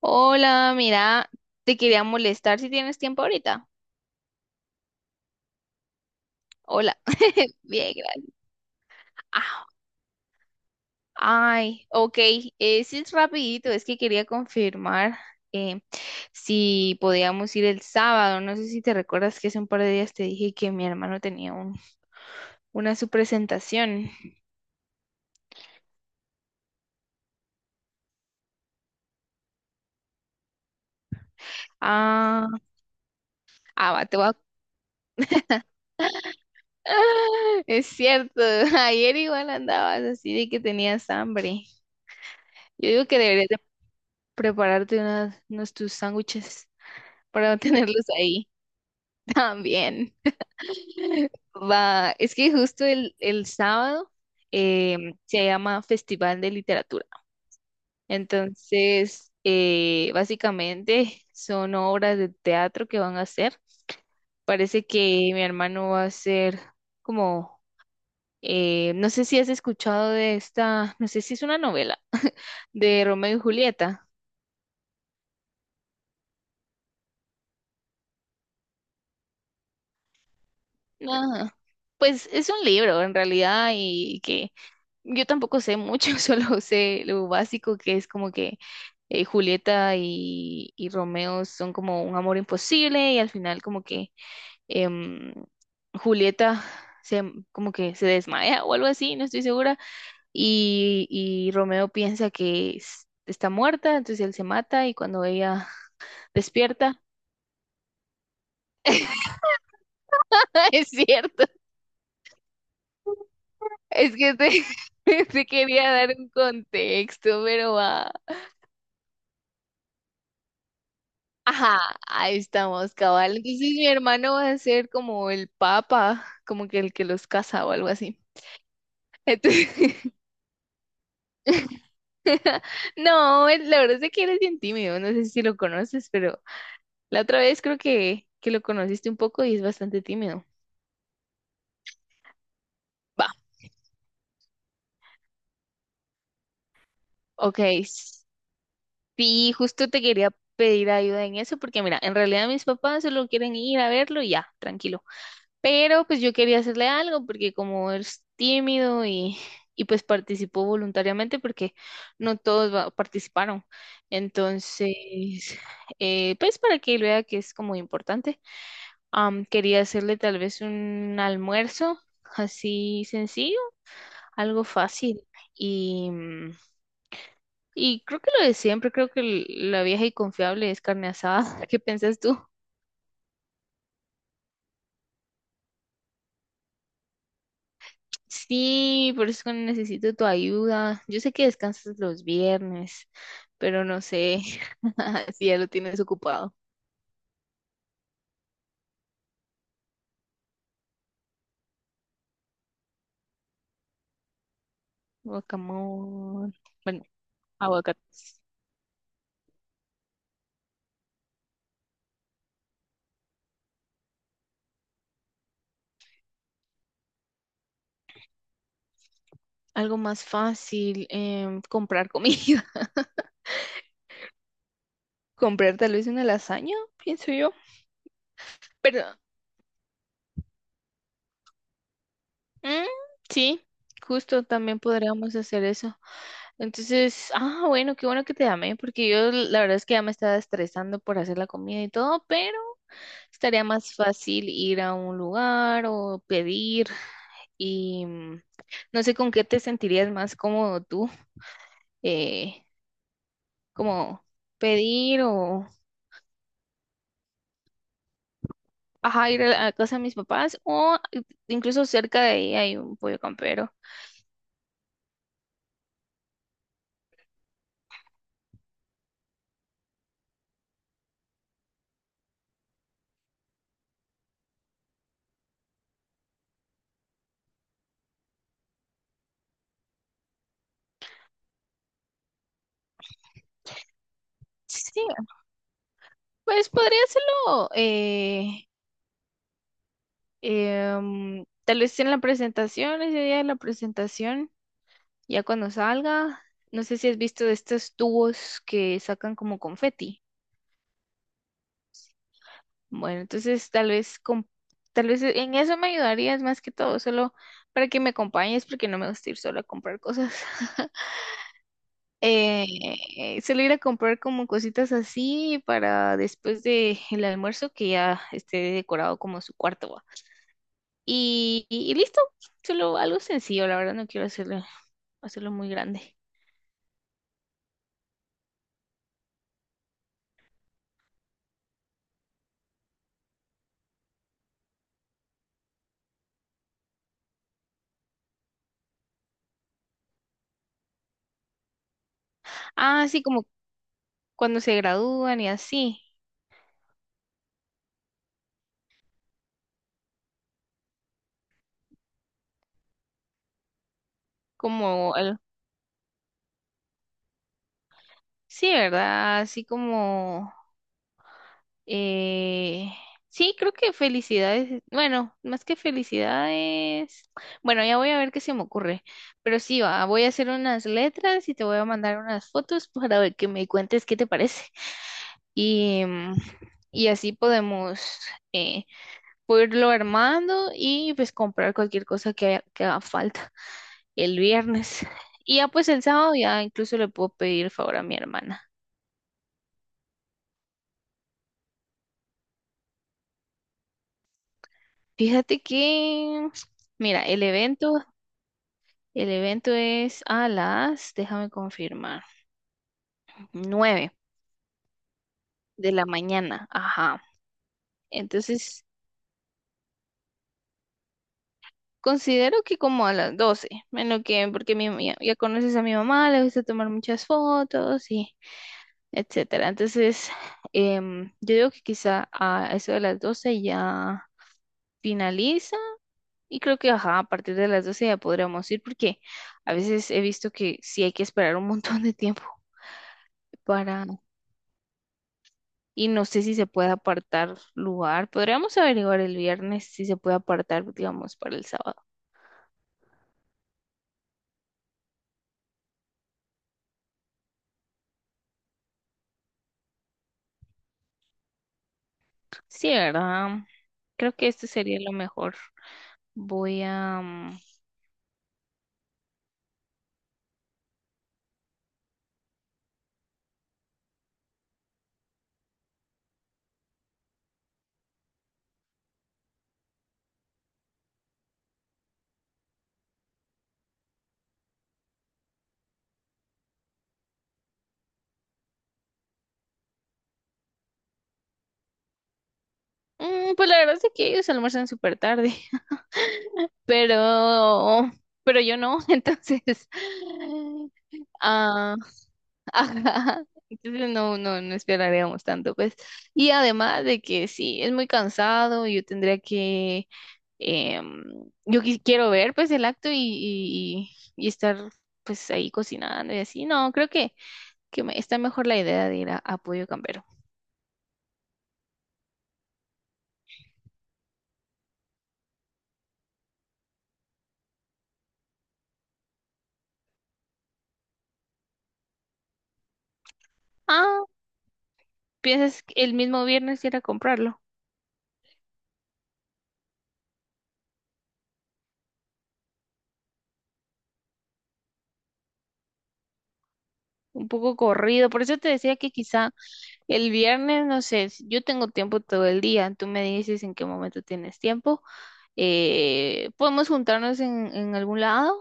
Hola, mira, te quería molestar si tienes tiempo ahorita. Hola, bien, gracias. Ah, Ay, ok, sí, es rapidito, es que quería confirmar eh, si podíamos ir el sábado. No sé si te recuerdas que hace un par de días te dije que mi hermano tenía una su presentación. Ah, Va, te voy a... es cierto, ayer igual andabas así de que tenías hambre. Yo digo que deberías de prepararte unos tus sándwiches. Para tenerlos ahí también. Va, es que justo el sábado se llama Festival de Literatura. Entonces, básicamente son obras de teatro que van a hacer. Parece que mi hermano va a hacer como, no sé si has escuchado de esta, no sé si es una novela de Romeo y Julieta. Ajá. Pues es un libro en realidad. Y que yo tampoco sé mucho, solo sé lo básico que es como que Julieta y Romeo son como un amor imposible y al final como que em, Julieta se, como que se desmaya o algo así, no estoy segura, y Romeo piensa que está muerta, entonces él se mata y cuando ella despierta, es cierto, es que te, te quería dar un contexto, pero va. Ajá, ahí estamos, cabal. Entonces mi hermano va a ser como el papa, como que el que los casa o algo así. Entonces, no, la verdad es que eres bien tímido, no sé si lo conoces, pero la otra vez creo que lo conociste un poco y es bastante tímido. Va, ok. Sí, justo te quería pedir ayuda en eso porque mira, en realidad mis papás solo quieren ir a verlo y ya, tranquilo. Pero pues yo quería hacerle algo porque como es tímido y pues participó voluntariamente porque no todos participaron. Entonces, pues para que él vea que es como importante, quería hacerle tal vez un almuerzo así sencillo, algo fácil. Y, mm, y creo que lo de siempre, creo que la vieja y confiable es carne asada. ¿Qué piensas tú? Sí, por eso necesito tu ayuda. Yo sé que descansas los viernes, pero no sé si ya lo tienes ocupado. Guacamole. Bueno, aguacates. Algo más fácil, comprar comida. Comprar tal vez una lasaña, pienso yo. Pero, mm, sí, justo también podríamos hacer eso. Entonces, bueno, qué bueno que te llamé, porque yo la verdad es que ya me estaba estresando por hacer la comida y todo, pero estaría más fácil ir a un lugar o pedir. y mm, no sé con qué te sentirías más cómodo tú, eh, como pedir o ajá, ir a la casa de mis papás o incluso cerca de ahí hay un pollo campero. Sí, pues podría hacerlo tal vez en la presentación, ese día de la presentación, ya cuando salga, no sé si has visto de estos tubos que sacan como confeti. Bueno, entonces tal vez en eso me ayudarías más que todo, solo para que me acompañes, porque no me gusta ir solo a comprar cosas. Eh, Solo ir a comprar como cositas así para después de el almuerzo que ya esté decorado como su cuarto va. Y listo, solo algo sencillo, la verdad no quiero hacerlo, hacerlo muy grande. Ah, sí, como cuando se gradúan y así, como sí, ¿verdad? Así como Eh, sí, creo que felicidades. Bueno, más que felicidades. Bueno, ya voy a ver qué se me ocurre. Pero sí, va, voy a hacer unas letras y te voy a mandar unas fotos para ver que me cuentes qué te parece. Y, mm, y así podemos eh, puedo irlo armando y pues comprar cualquier cosa que que haga falta el viernes. Y ya pues el sábado ya incluso le puedo pedir el favor a mi hermana. Fíjate que, mira, el evento. El evento es a las, déjame confirmar, 9 de la mañana. Ajá. Entonces, considero que como a las 12, menos que porque mi, ya, ya conoces a mi mamá, le gusta tomar muchas fotos y etcétera. Entonces, yo digo que quizá a eso de las 12 ya finaliza y creo que, ajá, a partir de las 12 ya podríamos ir porque a veces he visto que sí hay que esperar un montón de tiempo para y no sé si se puede apartar lugar. Podríamos averiguar el viernes si se puede apartar, digamos, para el sábado. Sí, ¿verdad? Creo que esto sería lo mejor. Voy a... mm, mm, Pues la verdad es que ellos almuerzan súper tarde, pero... pero yo no, entonces... Ah, ajá. Entonces no, no, no esperaríamos tanto, pues. Y además de que sí, es muy cansado, yo tendría que Em, yo quiero ver pues el acto y estar pues ahí cocinando y así. No, creo que está mejor la idea de ir a Pollo Campero. Ah, piensas que el mismo viernes ir a comprarlo. Un poco corrido, por eso te decía que quizá el viernes, no sé, si yo tengo tiempo todo el día, tú me dices en qué momento tienes tiempo, podemos juntarnos en algún lado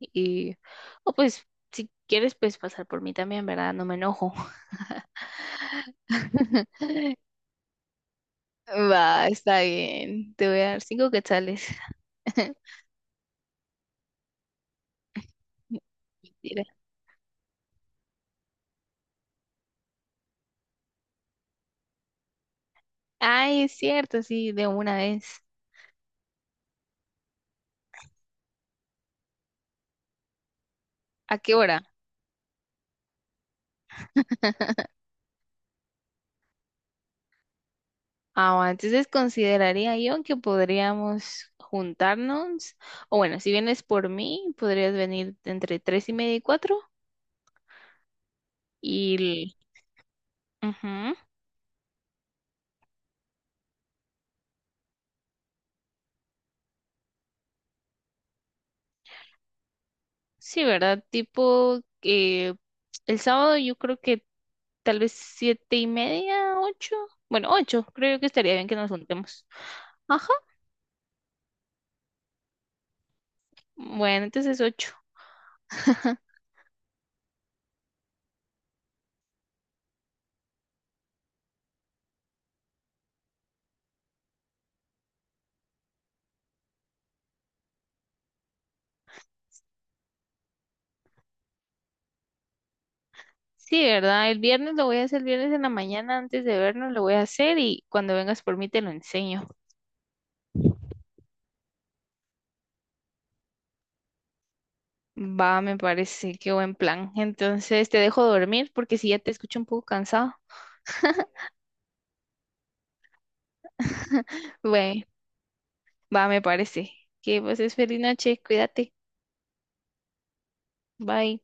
y, o pues, si quieres, pues pasar por mí también, ¿verdad? No me enojo. Va, está bien. Te voy a dar 5 quetzales. Mentira. Ay, es cierto, sí, de una vez. ¿A qué hora? Ah, bueno, entonces consideraría yo que podríamos juntarnos. O bueno, si vienes por mí, podrías venir entre 3:30 y 4. Y... el- Ujú. Sí, ¿verdad? Tipo que el sábado yo creo que tal vez 7:30, 8. Bueno, ocho. Creo que estaría bien que nos juntemos. Ajá. Bueno, entonces ocho. Sí, ¿verdad? El viernes lo voy a hacer, el viernes en la mañana antes de vernos lo voy a hacer y cuando vengas por mí te lo enseño. Va, me parece, qué buen plan. Entonces te dejo dormir porque si ya te escucho un poco cansado. Bueno, va, me parece. Que pases feliz noche, cuídate. Bye.